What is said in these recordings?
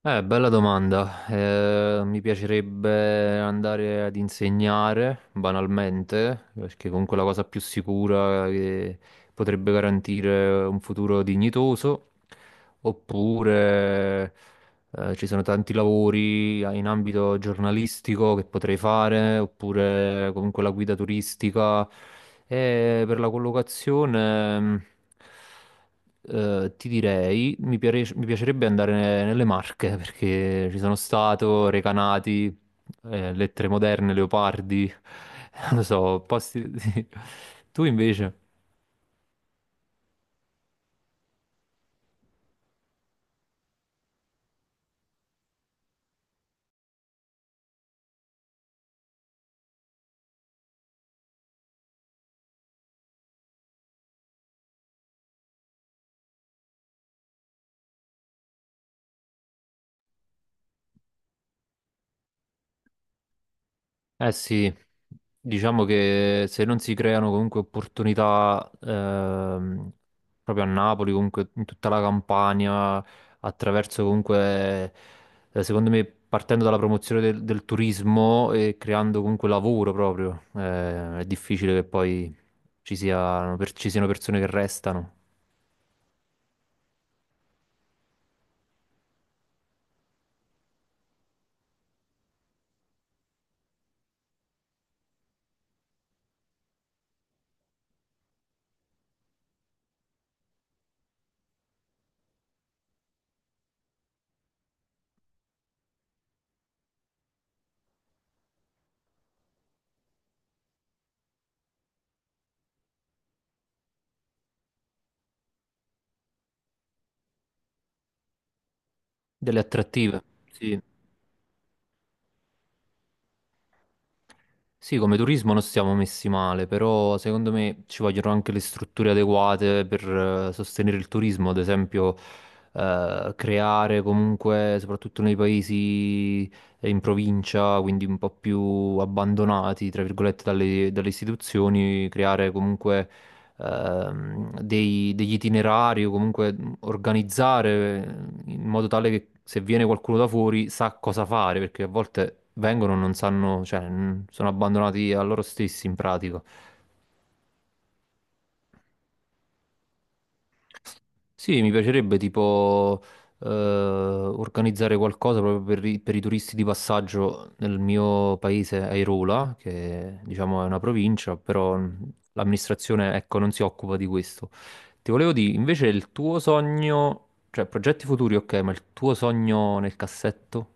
Bella domanda. Mi piacerebbe andare ad insegnare, banalmente, perché comunque è la cosa più sicura che potrebbe garantire un futuro dignitoso, oppure ci sono tanti lavori in ambito giornalistico che potrei fare, oppure comunque la guida turistica. E per la collocazione, ti direi, mi piacerebbe andare nelle Marche, perché ci sono stato, Recanati, Lettere Moderne, Leopardi, non lo so, posti Tu invece? Eh sì, diciamo che se non si creano comunque opportunità proprio a Napoli, comunque in tutta la Campania, attraverso comunque, secondo me, partendo dalla promozione del turismo e creando comunque lavoro proprio, è difficile che poi ci siano persone che restano, delle attrattive. Sì. Sì, come turismo non siamo messi male, però secondo me ci vogliono anche le strutture adeguate per sostenere il turismo, ad esempio creare comunque, soprattutto nei paesi in provincia, quindi un po' più abbandonati, tra virgolette, dalle istituzioni, creare comunque degli itinerari o comunque organizzare in modo tale che se viene qualcuno da fuori sa cosa fare, perché a volte vengono e non sanno, cioè, mm, sono abbandonati a loro stessi in pratica. Sì, mi piacerebbe tipo organizzare qualcosa proprio per i turisti di passaggio nel mio paese, Airola, che diciamo è una provincia, però l'amministrazione ecco, non si occupa di questo. Ti volevo dire, invece il tuo sogno, cioè progetti futuri, ok, ma il tuo sogno nel cassetto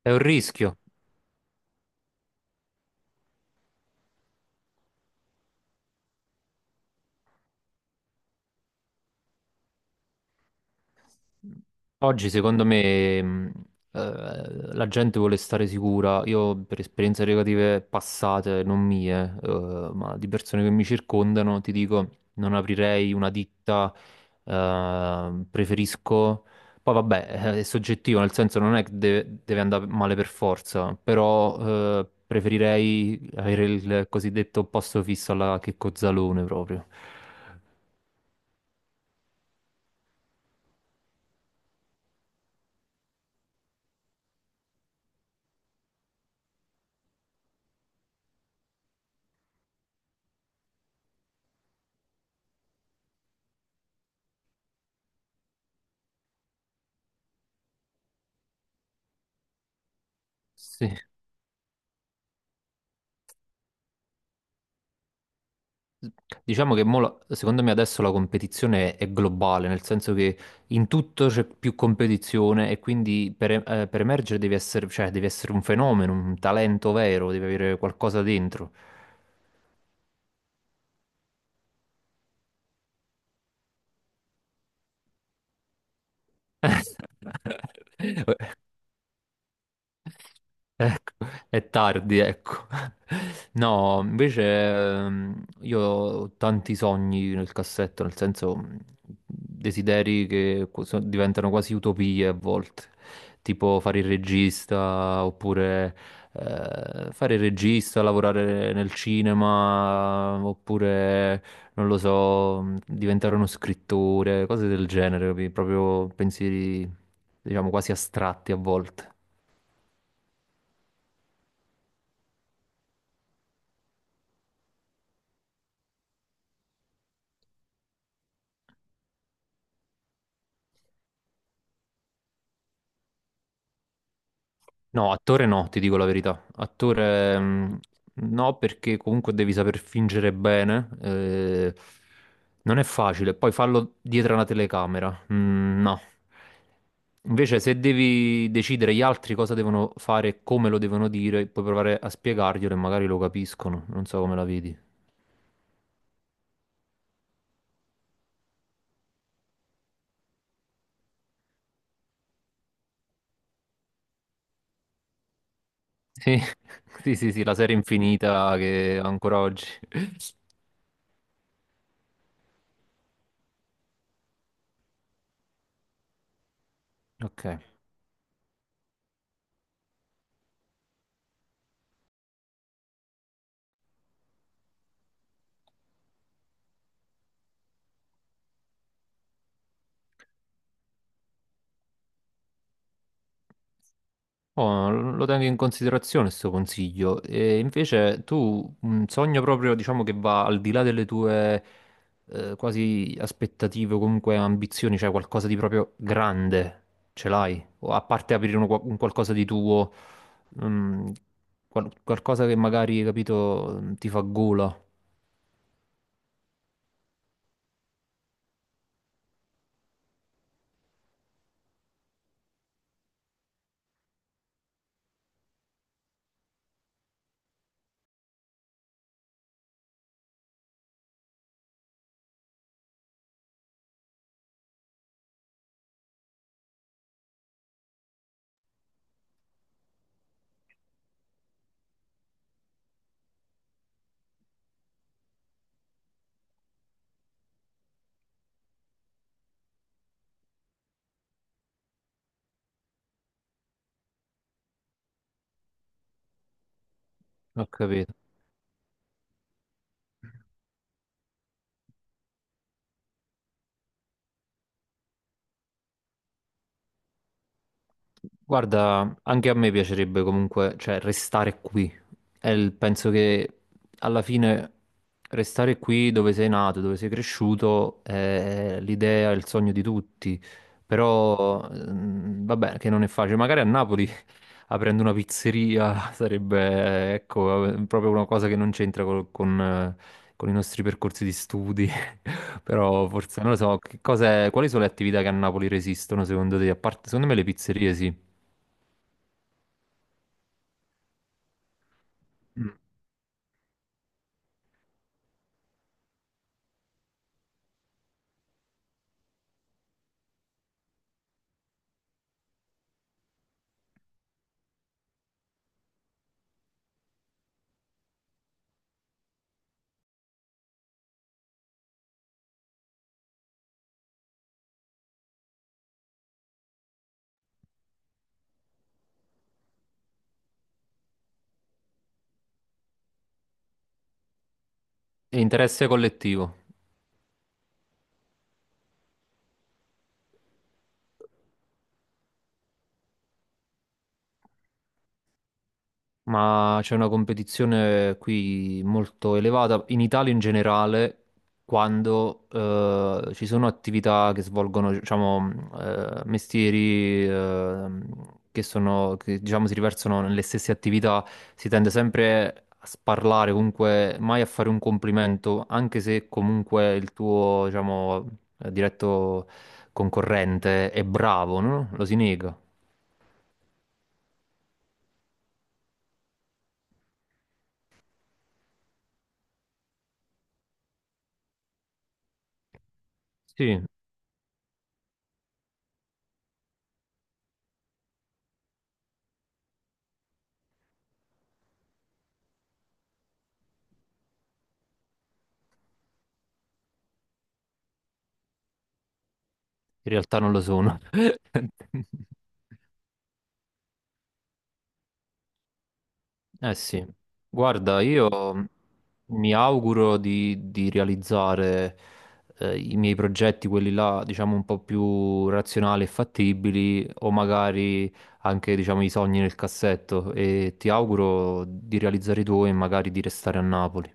è un rischio. Oggi secondo me la gente vuole stare sicura, io per esperienze negative passate, non mie, ma di persone che mi circondano, ti dico, non aprirei una ditta, preferisco. Poi vabbè, è soggettivo, nel senso non è che deve, deve andare male per forza, però preferirei avere il cosiddetto posto fisso alla Checco Zalone proprio. Sì. Diciamo che secondo me adesso la competizione è globale, nel senso che in tutto c'è più competizione e quindi per emergere devi essere, cioè, devi essere un fenomeno, un talento vero, devi avere qualcosa dentro. Ecco, è tardi, ecco. No, invece io ho tanti sogni nel cassetto, nel senso desideri che qu- so- diventano quasi utopie a volte, tipo fare il regista oppure lavorare nel cinema oppure, non lo so, diventare uno scrittore, cose del genere, capi? Proprio pensieri, diciamo, quasi astratti a volte. No, attore no, ti dico la verità. Attore mm, no, perché comunque devi saper fingere bene. Non è facile. Poi fallo dietro una telecamera. Mm, no. Invece, se devi decidere gli altri cosa devono fare e come lo devono dire, puoi provare a spiegarglielo e magari lo capiscono. Non so come la vedi. Sì, sì, sì, sì, la serie infinita che ancora oggi. Ok. Oh, lo tengo in considerazione questo consiglio. E invece tu un sogno proprio, diciamo, che va al di là delle tue quasi aspettative o comunque ambizioni, cioè qualcosa di proprio grande, ce l'hai? O a parte aprire un qualcosa di tuo, mm, qualcosa che magari, capito, ti fa gola, ho capito. Guarda, anche a me piacerebbe comunque, cioè, restare qui. Penso che alla fine restare qui dove sei nato, dove sei cresciuto, è l'idea, il sogno di tutti. Però, mm, vabbè, che non è facile. Magari a Napoli, aprendo una pizzeria, sarebbe, ecco, proprio una cosa che non c'entra con i nostri percorsi di studi. Però forse, non lo so, quali sono le attività che a Napoli resistono, secondo te? A parte, secondo me le pizzerie sì. È interesse collettivo, ma c'è una competizione qui molto elevata in Italia in generale, quando ci sono attività che svolgono, diciamo, mestieri che sono, che, diciamo, si riversano nelle stesse attività, si tende sempre a sparlare, comunque mai a fare un complimento, anche se comunque il tuo, diciamo, diretto concorrente è bravo, no? Lo si nega. Sì. In realtà non lo sono. Eh sì, guarda, io mm, mi auguro di realizzare i miei progetti, quelli là, diciamo, un po' più razionali e fattibili, o magari anche, diciamo, i sogni nel cassetto. E ti auguro di realizzare i tuoi e magari di restare a Napoli.